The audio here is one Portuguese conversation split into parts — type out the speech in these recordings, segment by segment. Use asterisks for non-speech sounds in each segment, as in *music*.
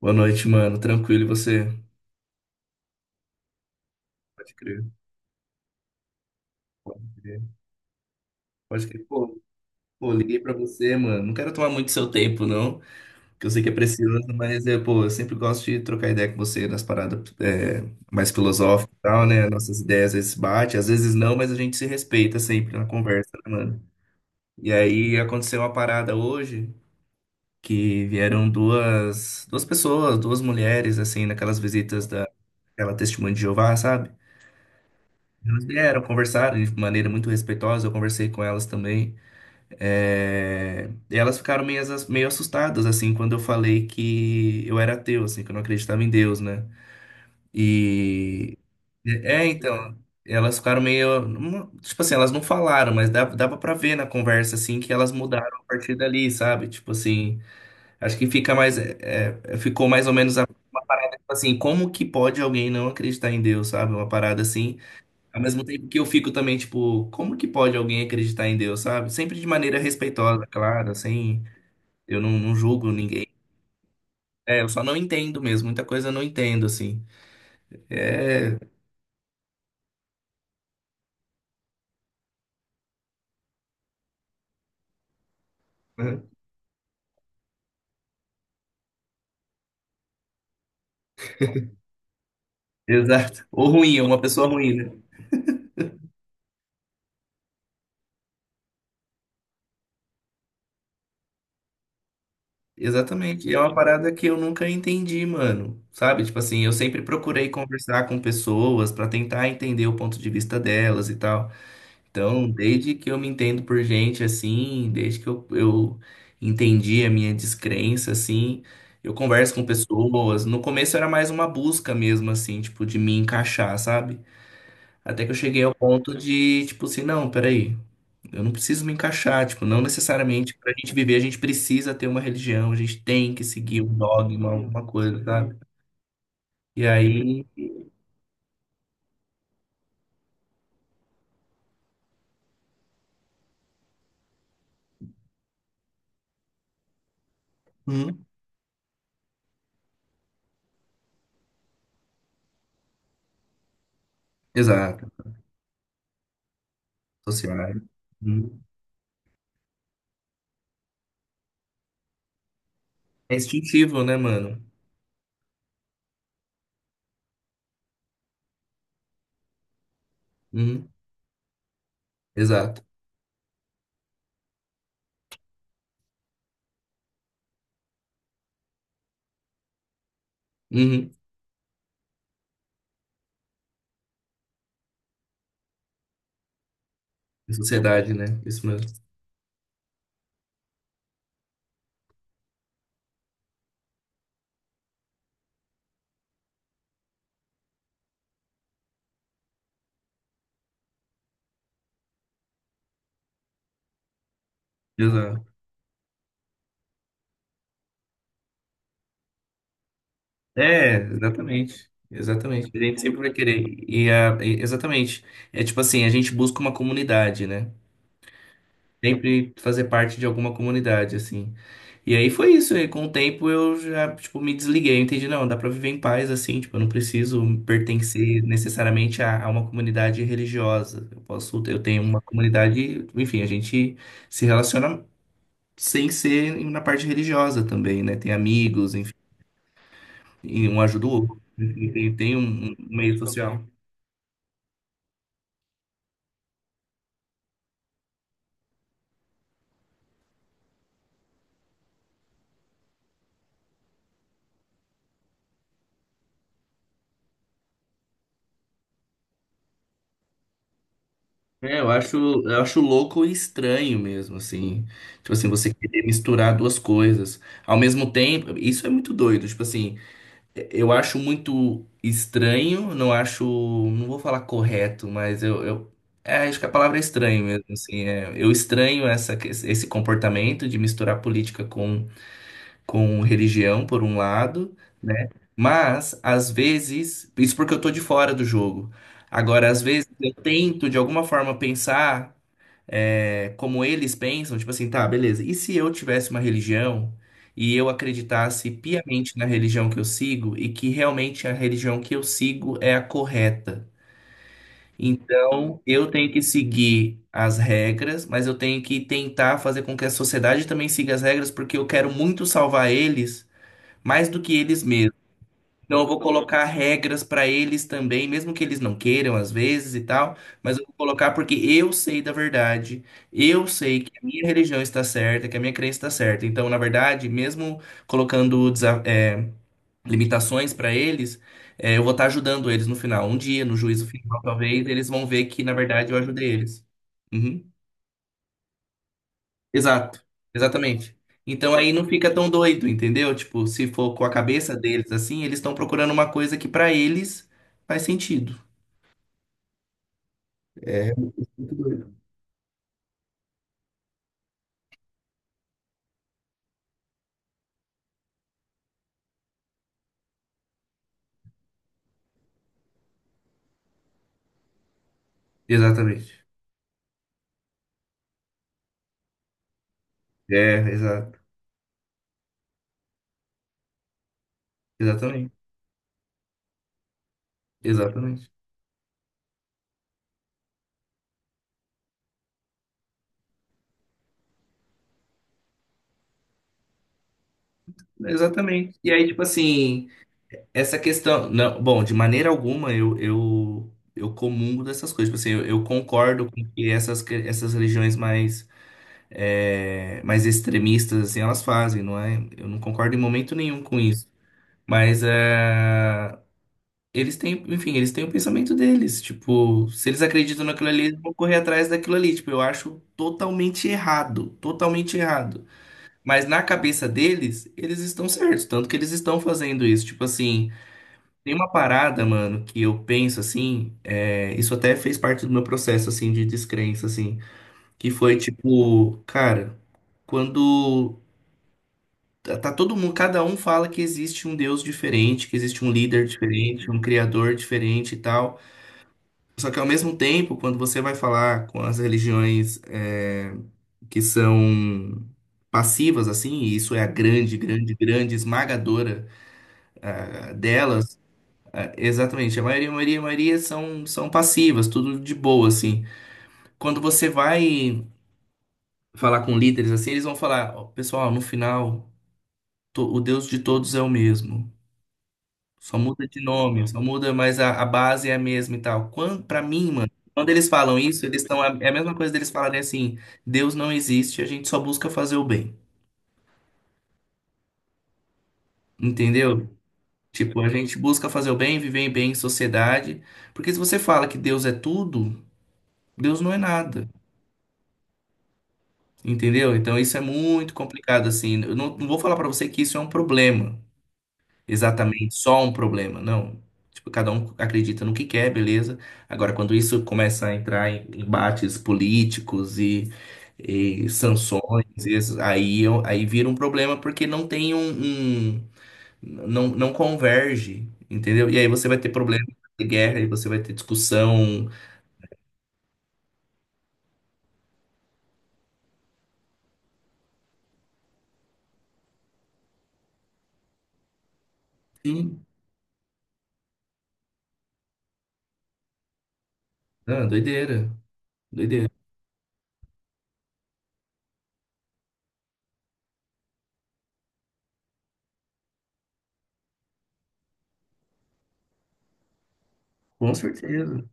Boa noite, mano. Tranquilo, e você? Pode crer, pode crer. Pode crer. Pô, liguei pra você, mano. Não quero tomar muito seu tempo, não, que eu sei que é precioso, mas, pô, eu sempre gosto de trocar ideia com você nas paradas mais filosóficas e tal, né? Nossas ideias às vezes batem, às vezes não, mas a gente se respeita sempre na conversa, né, mano? E aí aconteceu uma parada hoje que vieram duas pessoas, duas mulheres, assim, naquelas visitas daquela Testemunha de Jeová, sabe? Elas vieram, conversaram de maneira muito respeitosa, eu conversei com elas também. É, e elas ficaram meio, meio assustadas, assim, quando eu falei que eu era ateu, assim, que eu não acreditava em Deus, né? E. É, então. Elas ficaram meio. Tipo assim, elas não falaram, mas dava pra ver na conversa, assim, que elas mudaram a partir dali, sabe? Tipo assim, acho que fica mais. Ficou mais ou menos uma parada, tipo assim, como que pode alguém não acreditar em Deus, sabe? Uma parada assim. Ao mesmo tempo que eu fico também, tipo, como que pode alguém acreditar em Deus, sabe? Sempre de maneira respeitosa, claro, assim, eu não julgo ninguém. É, eu só não entendo mesmo, muita coisa eu não entendo, assim. É, né? Exato. Ou ruim, é uma pessoa ruim, né? Exatamente. E é uma parada que eu nunca entendi, mano. Sabe? Tipo assim, eu sempre procurei conversar com pessoas pra tentar entender o ponto de vista delas e tal. Então, desde que eu me entendo por gente assim, desde que eu entendi a minha descrença assim, eu converso com pessoas. No começo era mais uma busca mesmo assim, tipo, de me encaixar, sabe? Até que eu cheguei ao ponto de, tipo assim, não, peraí, eu não preciso me encaixar, tipo, não necessariamente pra gente viver a gente precisa ter uma religião, a gente tem que seguir um dogma, alguma coisa, sabe? E aí. Hum. Exato. Social. Hum. É instintivo, né, mano? Hum. Exato. Uhum. De sociedade, né? Isso mesmo. Exato. É, exatamente. Exatamente. A gente sempre vai querer. Exatamente. É tipo assim, a gente busca uma comunidade, né? Sempre fazer parte de alguma comunidade, assim. E aí foi isso. E com o tempo eu já, tipo, me desliguei. Eu entendi, não, dá pra viver em paz, assim. Tipo, eu não preciso pertencer necessariamente a uma comunidade religiosa. Eu posso, eu tenho uma comunidade, enfim, a gente se relaciona sem ser na parte religiosa também, né? Tem amigos. E um ajuda o outro, né? E tem, tem um meio social. É, eu acho louco e estranho mesmo, assim. Tipo assim, você querer misturar duas coisas. Ao mesmo tempo, isso é muito doido. Tipo assim, eu acho muito estranho, não acho. Não vou falar correto, mas eu acho que a palavra é estranho mesmo, assim. É. Eu estranho essa, esse comportamento de misturar política com religião, por um lado, né? Mas, às vezes, isso porque eu tô de fora do jogo. Agora, às vezes, eu tento, de alguma forma, pensar como eles pensam, tipo assim, tá, beleza. E se eu tivesse uma religião e eu acreditasse piamente na religião que eu sigo e que realmente a religião que eu sigo é a correta? Então, eu tenho que seguir as regras, mas eu tenho que tentar fazer com que a sociedade também siga as regras, porque eu quero muito salvar eles mais do que eles mesmos. Então eu vou colocar regras para eles também, mesmo que eles não queiram às vezes e tal, mas eu vou colocar porque eu sei da verdade, eu sei que a minha religião está certa, que a minha crença está certa. Então, na verdade, mesmo colocando limitações para eles, eu vou estar ajudando eles no final. Um dia, no juízo final, talvez, eles vão ver que, na verdade, eu ajudei eles. Uhum. Exato, exatamente. Então aí não fica tão doido, entendeu? Tipo, se for com a cabeça deles assim, eles estão procurando uma coisa que pra eles faz sentido. É muito doido. Exatamente. É, exato. Exatamente. Exatamente. Exatamente. E aí, tipo assim, essa questão. Não, bom, de maneira alguma eu comungo dessas coisas. Tipo assim, eu concordo com o que essas, essas religiões mais, mais extremistas, assim, elas fazem, não é? Eu não concordo em momento nenhum com isso. Mas é, eles têm, enfim, eles têm o pensamento deles. Tipo, se eles acreditam naquilo ali, eles vão correr atrás daquilo ali. Tipo, eu acho totalmente errado, totalmente errado. Mas na cabeça deles, eles estão certos, tanto que eles estão fazendo isso. Tipo assim, tem uma parada, mano, que eu penso assim, é, isso até fez parte do meu processo assim de descrença assim, que foi tipo, cara, quando tá todo mundo, cada um fala que existe um Deus diferente, que existe um líder diferente, um criador diferente e tal. Só que ao mesmo tempo, quando você vai falar com as religiões que são passivas, assim, e isso é a grande, grande, grande esmagadora ah, delas, ah, exatamente, a maioria, a maioria, a maioria são passivas, tudo de boa, assim. Quando você vai falar com líderes, assim, eles vão falar, "Ó, pessoal, no final, to- o Deus de todos é o mesmo. Só muda de nome, só muda, mas a base é a mesma e tal. Quando, pra mim, mano, quando eles falam isso, eles estão. É a mesma coisa deles falarem assim: Deus não existe, a gente só busca fazer o bem. Entendeu? Tipo, a gente busca fazer o bem, viver bem em sociedade. Porque se você fala que Deus é tudo, Deus não é nada. Entendeu? Então isso é muito complicado, assim. Eu não vou falar pra você que isso é um problema. Exatamente só um problema, não. Tipo, cada um acredita no que quer, beleza? Agora, quando isso começa a entrar em embates políticos e sanções, e aí, aí vira um problema porque não tem um, não converge, entendeu? E aí você vai ter problema de guerra, e você vai ter discussão. Sim, ah, doideira, doideira. Com certeza.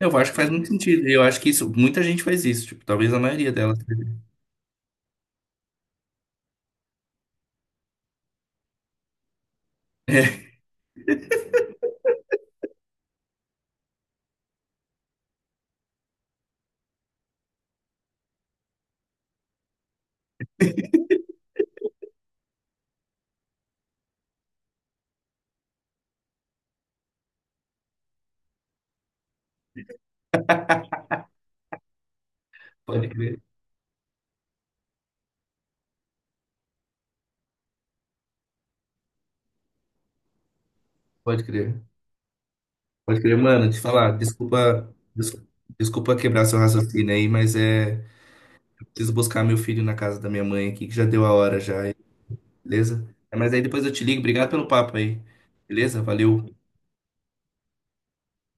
Eu acho que faz muito sentido. Eu acho que isso, muita gente faz isso, tipo, talvez a maioria delas. *laughs* Pode crer, pode crer. Pode crer, mano, te falar, desculpa, desculpa, desculpa quebrar seu raciocínio aí, mas é, preciso buscar meu filho na casa da minha mãe aqui, que já deu a hora já, beleza? É, mas aí depois eu te ligo, obrigado pelo papo aí, beleza? Valeu.